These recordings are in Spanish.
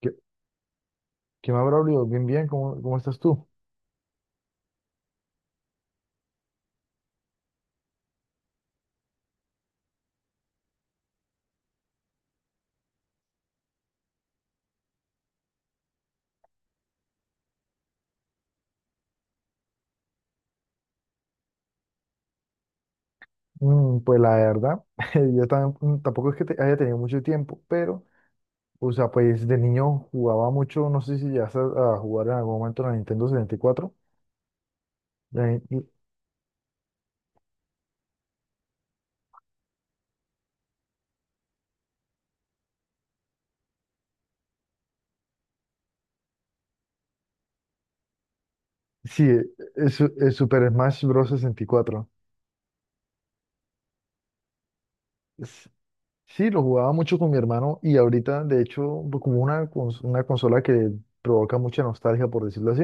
¿Qué, qué más, Braulio? Bien, bien, ¿cómo estás tú? Pues la verdad, yo también, tampoco es que haya tenido mucho tiempo, pero, o sea, pues de niño jugaba mucho, no sé si llegaste a jugar en algún momento la Nintendo 64. La Ni- Ni- Sí, es Super Smash Bros. 64. Es- sí, lo jugaba mucho con mi hermano y ahorita, de hecho, pues, como una consola que provoca mucha nostalgia, por decirlo así.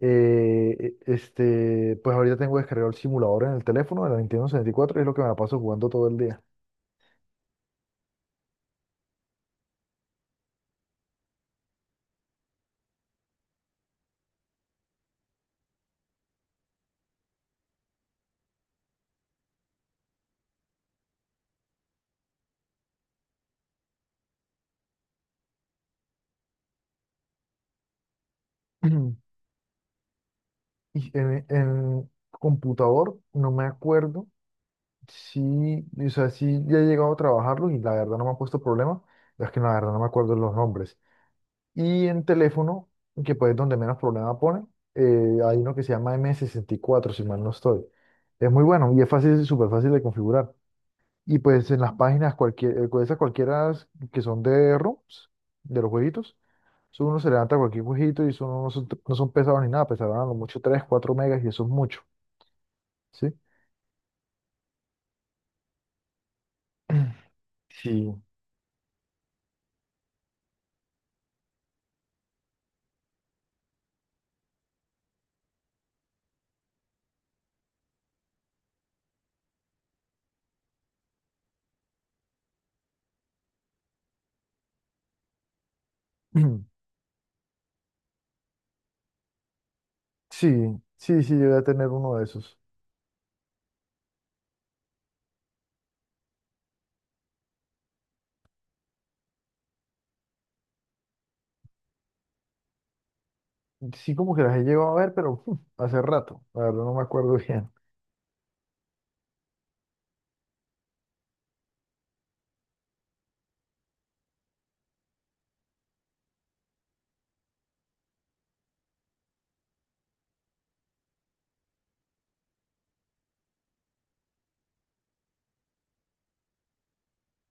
Eh, pues ahorita tengo descargado el simulador en el teléfono de la Nintendo 64 y cuatro, y es lo que me la paso jugando todo el día. Y en computador no me acuerdo si, o sea, si ya he llegado a trabajarlo y la verdad no me ha puesto problema, es que la verdad no me acuerdo los nombres. Y en teléfono, que pues es donde menos problema pone, hay uno que se llama M64, si mal no estoy. Es muy bueno y es fácil, súper fácil de configurar. Y pues en las páginas cualquier, esas cualquiera que son de ROMs, de los jueguitos, eso uno se levanta cualquier jueguito y eso no son pesados ni nada, pesaban a lo mucho 3 4 megas y eso es mucho, ¿sí? Sí. Sí, sí, sí, yo voy a tener uno de esos. Sí, como que las he llegado a ver, pero hace rato, la verdad no me acuerdo bien.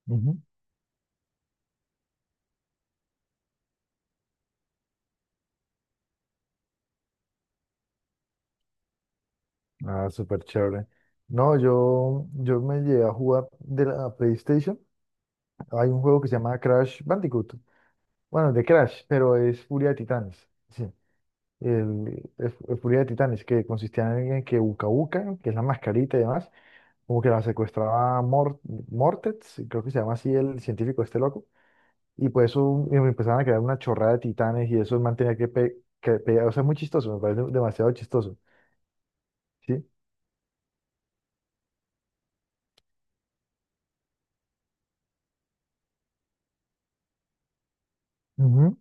Ujú. Ah, súper chévere. No, yo me llegué a jugar de la PlayStation. Hay un juego que se llama Crash Bandicoot. Bueno, de Crash, pero es Furia de Titanes. Sí. El Furia de Titanes, que consistía en que Uka Uka, que es la mascarita y demás, como que la secuestraba Mortex, creo que se llama así el científico este loco, y pues eso y empezaban a crear una chorrada de titanes y eso el man tenía que, o sea, es muy chistoso, me parece demasiado chistoso. ¿Sí? Ujú,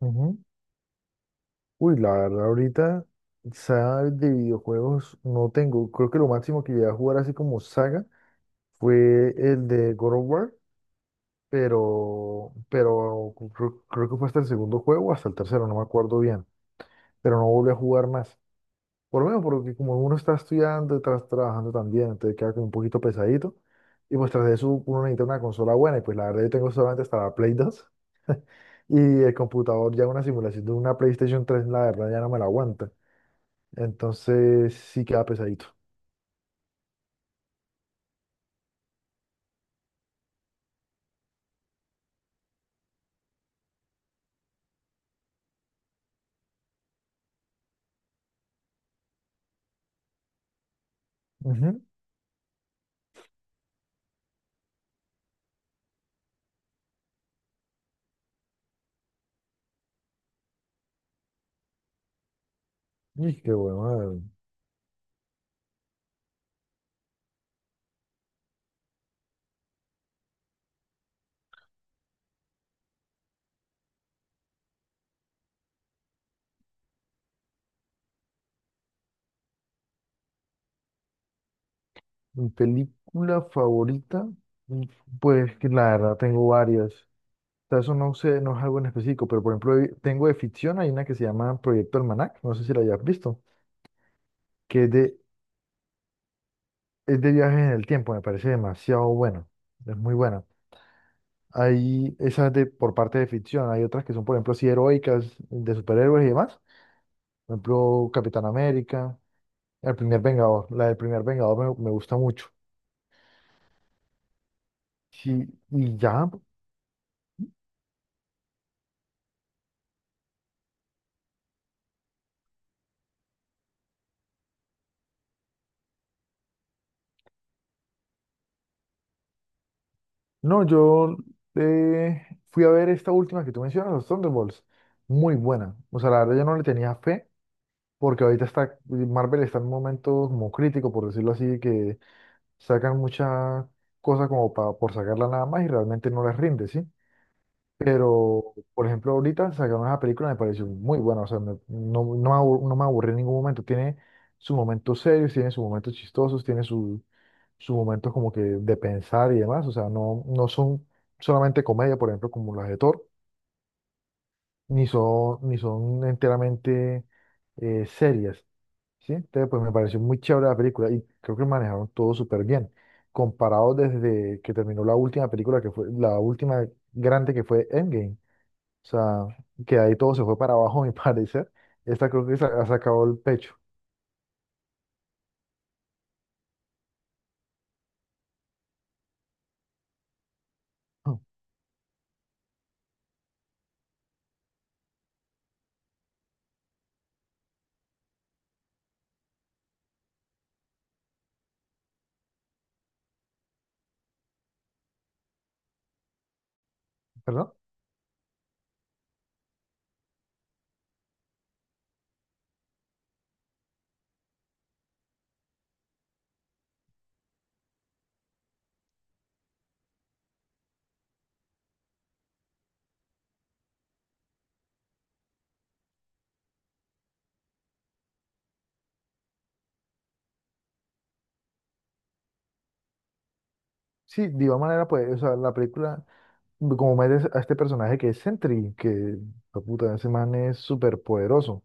ujú. Uy, la verdad, ahorita, saga de videojuegos no tengo. Creo que lo máximo que llegué a jugar así como saga fue el de God of War, pero creo que fue hasta el segundo juego, hasta el tercero, no me acuerdo bien, pero no volví a jugar más. Por lo menos porque como uno está estudiando y trabajando también, entonces queda como un poquito pesadito. Y pues tras de eso uno necesita una consola buena y pues la verdad yo tengo solamente hasta la Play 2, y el computador ya una simulación de una PlayStation 3 la verdad ya no me la aguanta. Entonces sí queda pesadito. Ujú. Y qué bueno. Mi película favorita, mm, pues que la verdad tengo varias. Sea, eso no sé, no es algo en específico, pero por ejemplo, tengo de ficción, hay una que se llama Proyecto Almanac, no sé si la hayas visto, que es es de viajes en el tiempo, me parece demasiado buena, es muy buena. Hay esas de, por parte de ficción, hay otras que son, por ejemplo, así heroicas, de superhéroes y demás, por ejemplo, Capitán América, El Primer Vengador, la del Primer Vengador me, gusta mucho. Sí, y ya, no, yo eh, fui a ver esta última que tú mencionas, los Thunderbolts, muy buena, o sea, la verdad yo no le tenía fe porque ahorita Marvel está en un momento como crítico, por decirlo así, que sacan muchas cosas como por sacarla nada más y realmente no les rinde, ¿sí? Pero, por ejemplo, ahorita sacaron esa película, me pareció muy buena, o sea, no, no, no me aburrí en ningún momento, tiene sus momentos serios, tiene sus momentos chistosos, tiene su sus momentos como que de pensar y demás, o sea, no, no son solamente comedia, por ejemplo, como las de Thor, ni son enteramente serias, ¿sí? Entonces, pues me pareció muy chévere la película y creo que manejaron todo súper bien. Comparado desde que terminó la última película, que fue la última grande que fue Endgame. O sea, que ahí todo se fue para abajo, a mi parecer. Esta creo que se ha sacado el pecho. Mm, ¿Perdón? Sí, de igual manera, pues, o sea, la película, como metes a este personaje que es Sentry, que, la puta, ese man es súper poderoso.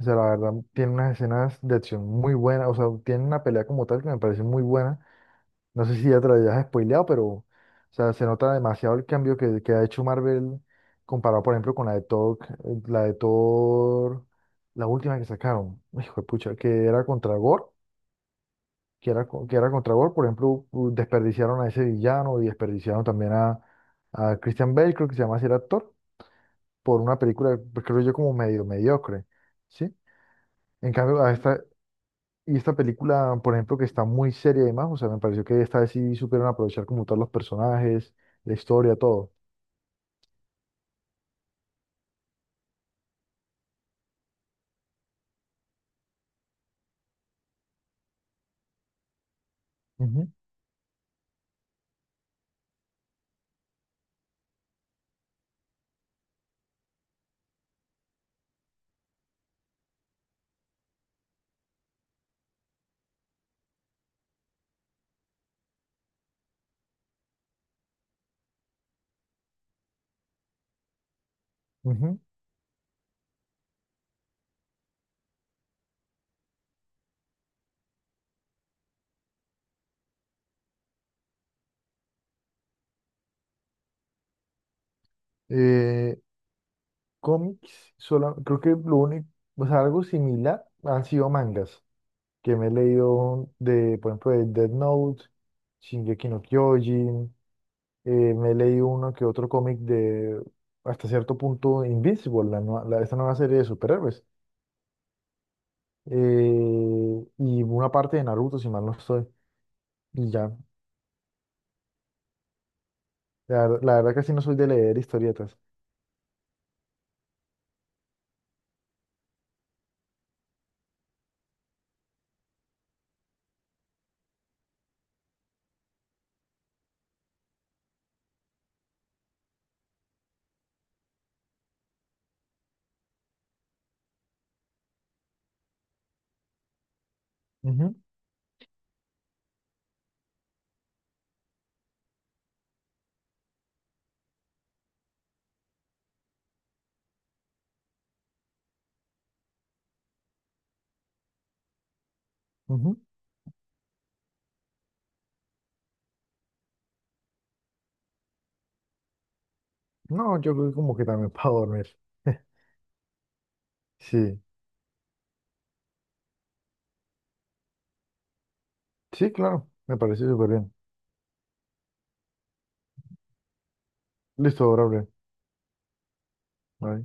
O sea, la verdad, tiene unas escenas de acción muy buenas, o sea, tiene una pelea como tal que me parece muy buena. No sé si ya te lo hayas spoileado, pero o sea, se nota demasiado el cambio que ha hecho Marvel comparado, por ejemplo, con la de Thor, la última que sacaron, hijo de pucha, que era contra Gore, que era contra Gore, por ejemplo, desperdiciaron a ese villano y desperdiciaron también a, Christian Bale, creo que se llama así el actor, por una película, pues, creo yo, como medio mediocre, ¿sí? En cambio, y esta película, por ejemplo, que está muy seria y demás, o sea, me pareció que esta vez sí supieron aprovechar como todos los personajes, la historia, todo. Ujú, ujú. Eh, Cómics, creo que lo único, o sea, algo similar han sido mangas, que me he leído de, por ejemplo, de Death Note, Shingeki no Kyojin, me he leído uno que otro cómic de, hasta cierto punto, Invincible, esta nueva serie de superhéroes, y una parte de Naruto, si mal no estoy. Y ya, La verdad casi no soy de leer historietas. Ujú, ujú. No, yo creo que como que también para dormir. Sí, sí, claro, me parece súper bien. Listo, Gabriel. Bye.